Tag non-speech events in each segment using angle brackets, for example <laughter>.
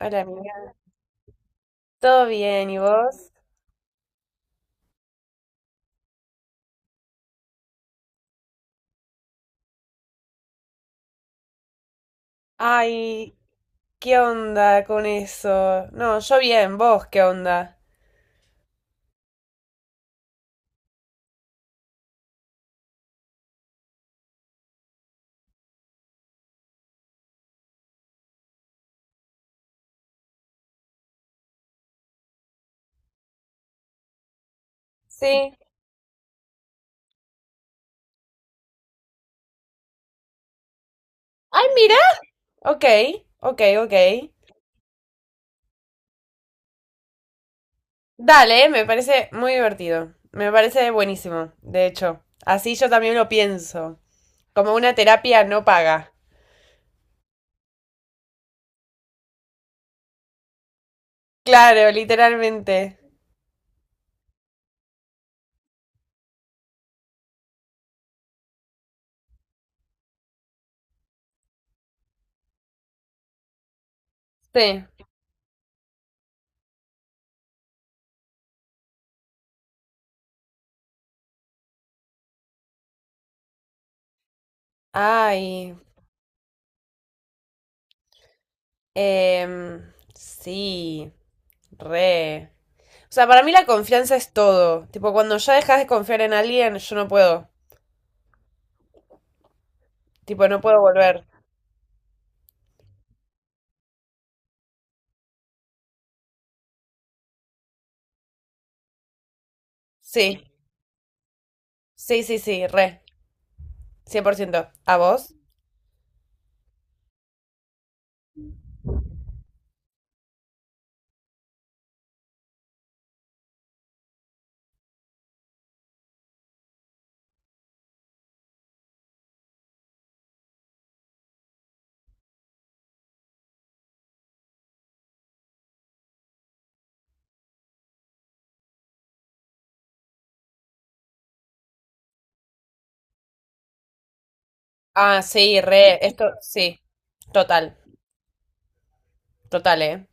Hola, amiga. ¿Todo bien? ¿Y vos? Ay, ¿qué onda con eso? No, yo bien, ¿vos qué onda? Sí. Ay, mira. Ok, ok, ok. Dale, me parece muy divertido. Me parece buenísimo, de hecho. Así yo también lo pienso. Como una terapia no paga. Claro, literalmente. Sí. Ay, Em, sí, re. O sea, para mí la confianza es todo. Tipo, cuando ya dejas de confiar en alguien, yo no puedo. Tipo, no puedo volver. Sí, sí, sí, sí, re. Cien por ciento. ¿A vos? Ah, sí, re. Esto, sí. Total, total, ¿eh?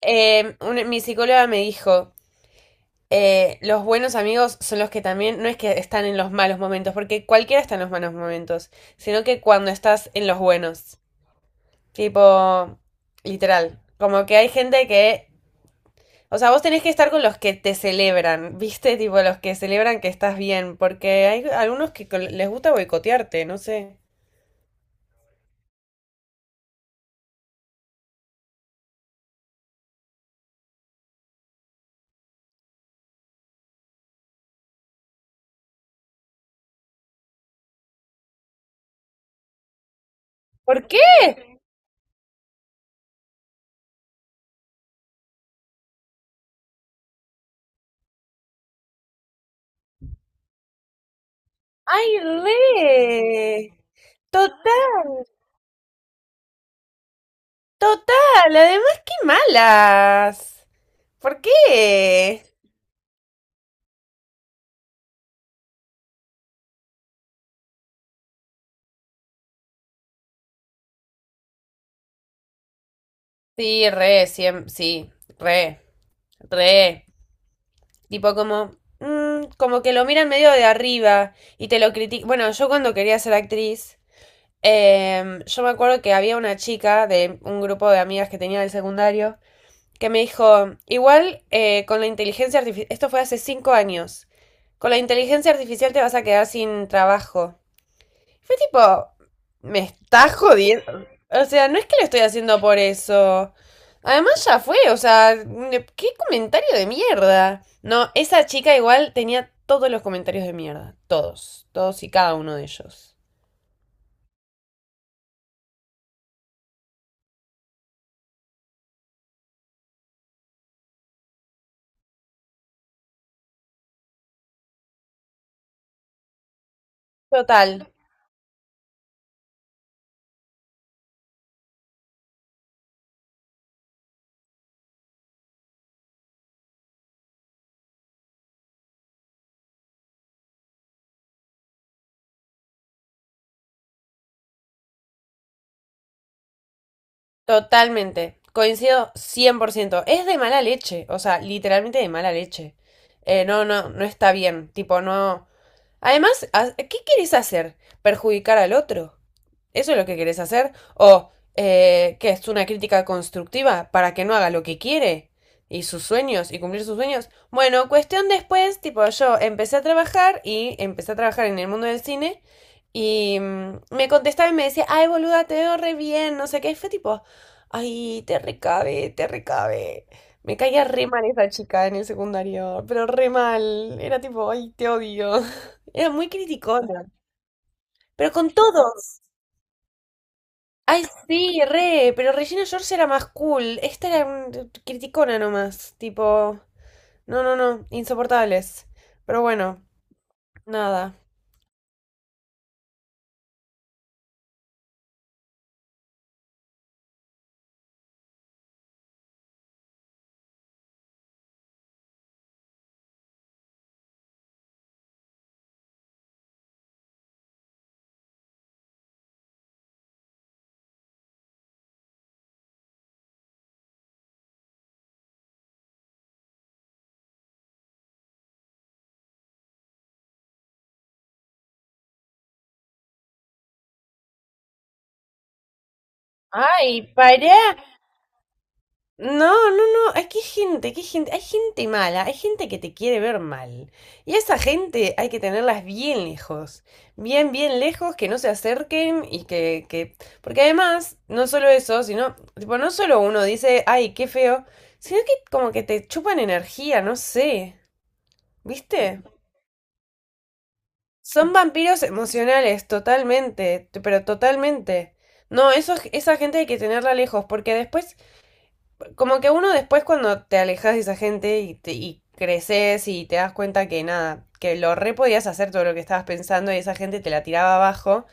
Mi psicóloga me dijo, los buenos amigos son los que también, no es que están en los malos momentos, porque cualquiera está en los malos momentos, sino que cuando estás en los buenos. Tipo, literal. Como que hay gente que. O sea, vos tenés que estar con los que te celebran, <laughs> ¿viste? Tipo, los que celebran que estás bien. Porque hay algunos que les gusta boicotearte, no sé. ¿Por qué? ¡Ay, re! Total, total. Además, qué malas. ¿Por qué? Sí, re, sí, re, re. Tipo como, mm, como que lo miran medio de arriba y te lo critican. Bueno, yo cuando quería ser actriz, yo me acuerdo que había una chica de un grupo de amigas que tenía del secundario que me dijo, igual con la inteligencia artificial, esto fue hace cinco años, con la inteligencia artificial te vas a quedar sin trabajo. Fue tipo, me estás jodiendo. O sea, no es que lo estoy haciendo por eso. Además ya fue, o sea, qué comentario de mierda. No, esa chica igual tenía todos los comentarios de mierda. Todos, todos y cada uno de ellos. Total, totalmente. Coincido cien por ciento. Es de mala leche, o sea, literalmente de mala leche. No, no, no está bien. Tipo, no. Además, ¿qué quieres hacer? ¿Perjudicar al otro? ¿Eso es lo que querés hacer? ¿O qué es una crítica constructiva para que no haga lo que quiere? ¿Y sus sueños? ¿Y cumplir sus sueños? Bueno, cuestión después, tipo, yo empecé a trabajar y empecé a trabajar en el mundo del cine y mm, me contestaba y me decía, ay, boluda, te veo re bien, no sé qué. Y fue tipo, ay, te recabe, te recabe. Me caía re mal esa chica en el secundario, pero re mal. Era tipo, ay, te odio. <laughs> Era muy criticona, pero con todos. Ay, sí, re, pero Regina George era más cool. Esta era criticona nomás, tipo, no, no, no, insoportables. Pero bueno, nada. Ay, pará. No, no, no, hay que gente, qué gente, hay gente mala, hay gente que te quiere ver mal. Y a esa gente hay que tenerlas bien lejos, bien, bien lejos, que no se acerquen y que... Porque además, no solo eso, sino, tipo, no solo uno dice, ay, qué feo, sino que como que te chupan energía, no sé. ¿Viste? Son vampiros emocionales, totalmente, pero totalmente. No, eso, esa gente hay que tenerla lejos, porque después, como que uno después cuando te alejas de esa gente y, y creces y te das cuenta que nada, que lo re podías hacer todo lo que estabas pensando y esa gente te la tiraba abajo,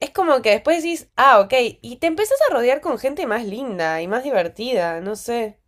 es como que después decís, ah, ok, y te empezás a rodear con gente más linda y más divertida, no sé.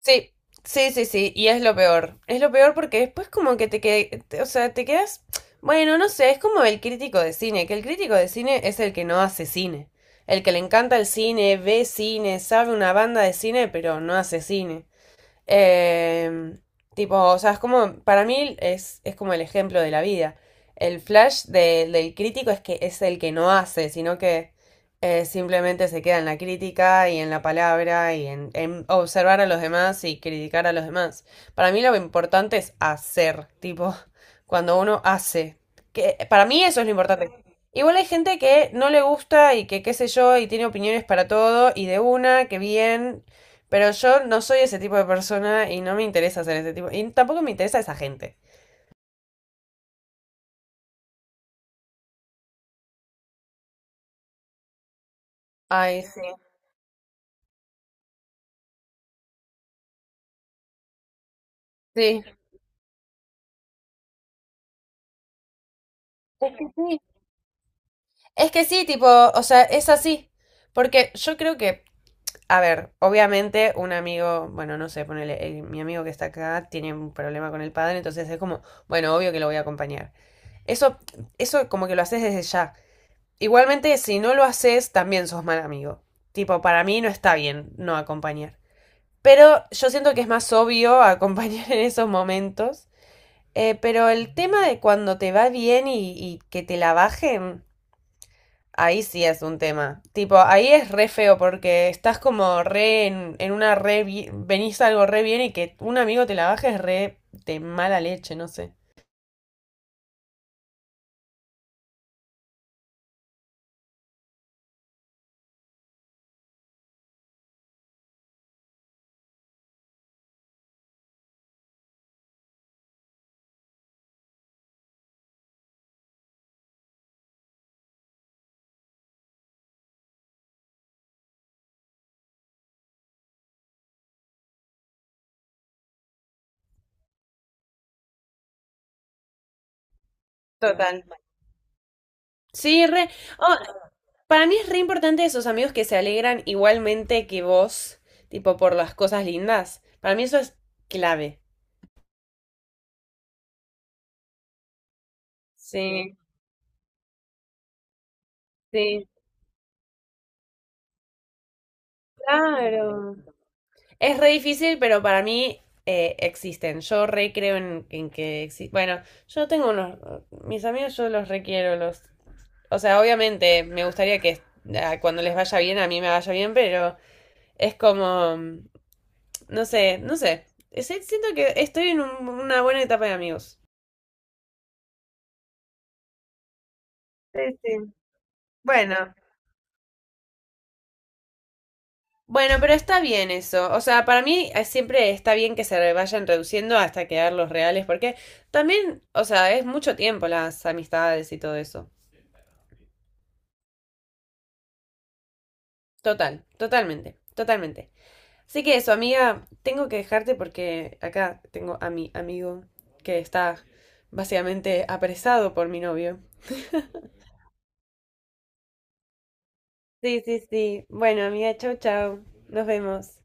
Sí, sí, sí, sí, y es lo peor. Es lo peor porque después como que o sea, te quedas, bueno, no sé, es como el crítico de cine, que el crítico de cine es el que no hace cine, el que le encanta el cine, ve cine, sabe una banda de cine, pero no hace cine. Eh, tipo, o sea, es como, para mí es como el ejemplo de la vida. El flash del crítico es que es el que no hace, sino que simplemente se queda en la crítica y en la palabra y en observar a los demás y criticar a los demás. Para mí lo importante es hacer, tipo, <laughs> cuando uno hace. Que, para mí eso es lo importante. Igual hay gente que no le gusta y que qué sé yo y tiene opiniones para todo y de una, que bien, pero yo no soy ese tipo de persona y no me interesa ser ese tipo. Y tampoco me interesa esa gente. Ay, sí. Sí. Es que sí. Es que sí, tipo, o sea, es así. Porque yo creo que, a ver, obviamente un amigo, bueno, no sé, ponele, mi amigo que está acá tiene un problema con el padre, entonces es como, bueno, obvio que lo voy a acompañar. Eso, eso como que lo haces desde ya. Igualmente, si no lo haces, también sos mal amigo. Tipo, para mí no está bien no acompañar. Pero yo siento que es más obvio <laughs> acompañar en esos momentos. Pero el tema de cuando te va bien y que te la bajen, ahí sí es un tema. Tipo, ahí es re feo porque estás como re en una re... Venís algo re bien y que un amigo te la baje es re de mala leche, no sé. Total. Sí, re. Oh, para mí es re importante esos amigos que se alegran igualmente que vos, tipo por las cosas lindas. Para mí eso es clave. Sí, sí. Claro. Es re difícil, pero para mí existen. Yo re creo en que existen. Bueno, yo tengo unos. Mis amigos, yo los requiero. Los... O sea, obviamente me gustaría que ah, cuando les vaya bien, a mí me vaya bien, pero es como. Mm, no sé, no sé. Siento que estoy en una buena etapa de amigos. Sí, sí. Bueno. Bueno, pero está bien eso. O sea, para mí siempre está bien que se vayan reduciendo hasta quedar los reales, porque también, o sea, es mucho tiempo las amistades y todo eso. Total, totalmente, totalmente. Así que eso, amiga, tengo que dejarte porque acá tengo a mi amigo que está básicamente apresado por mi novio. Sí, sí, sí. Bueno, amiga, chau, chau. Nos vemos.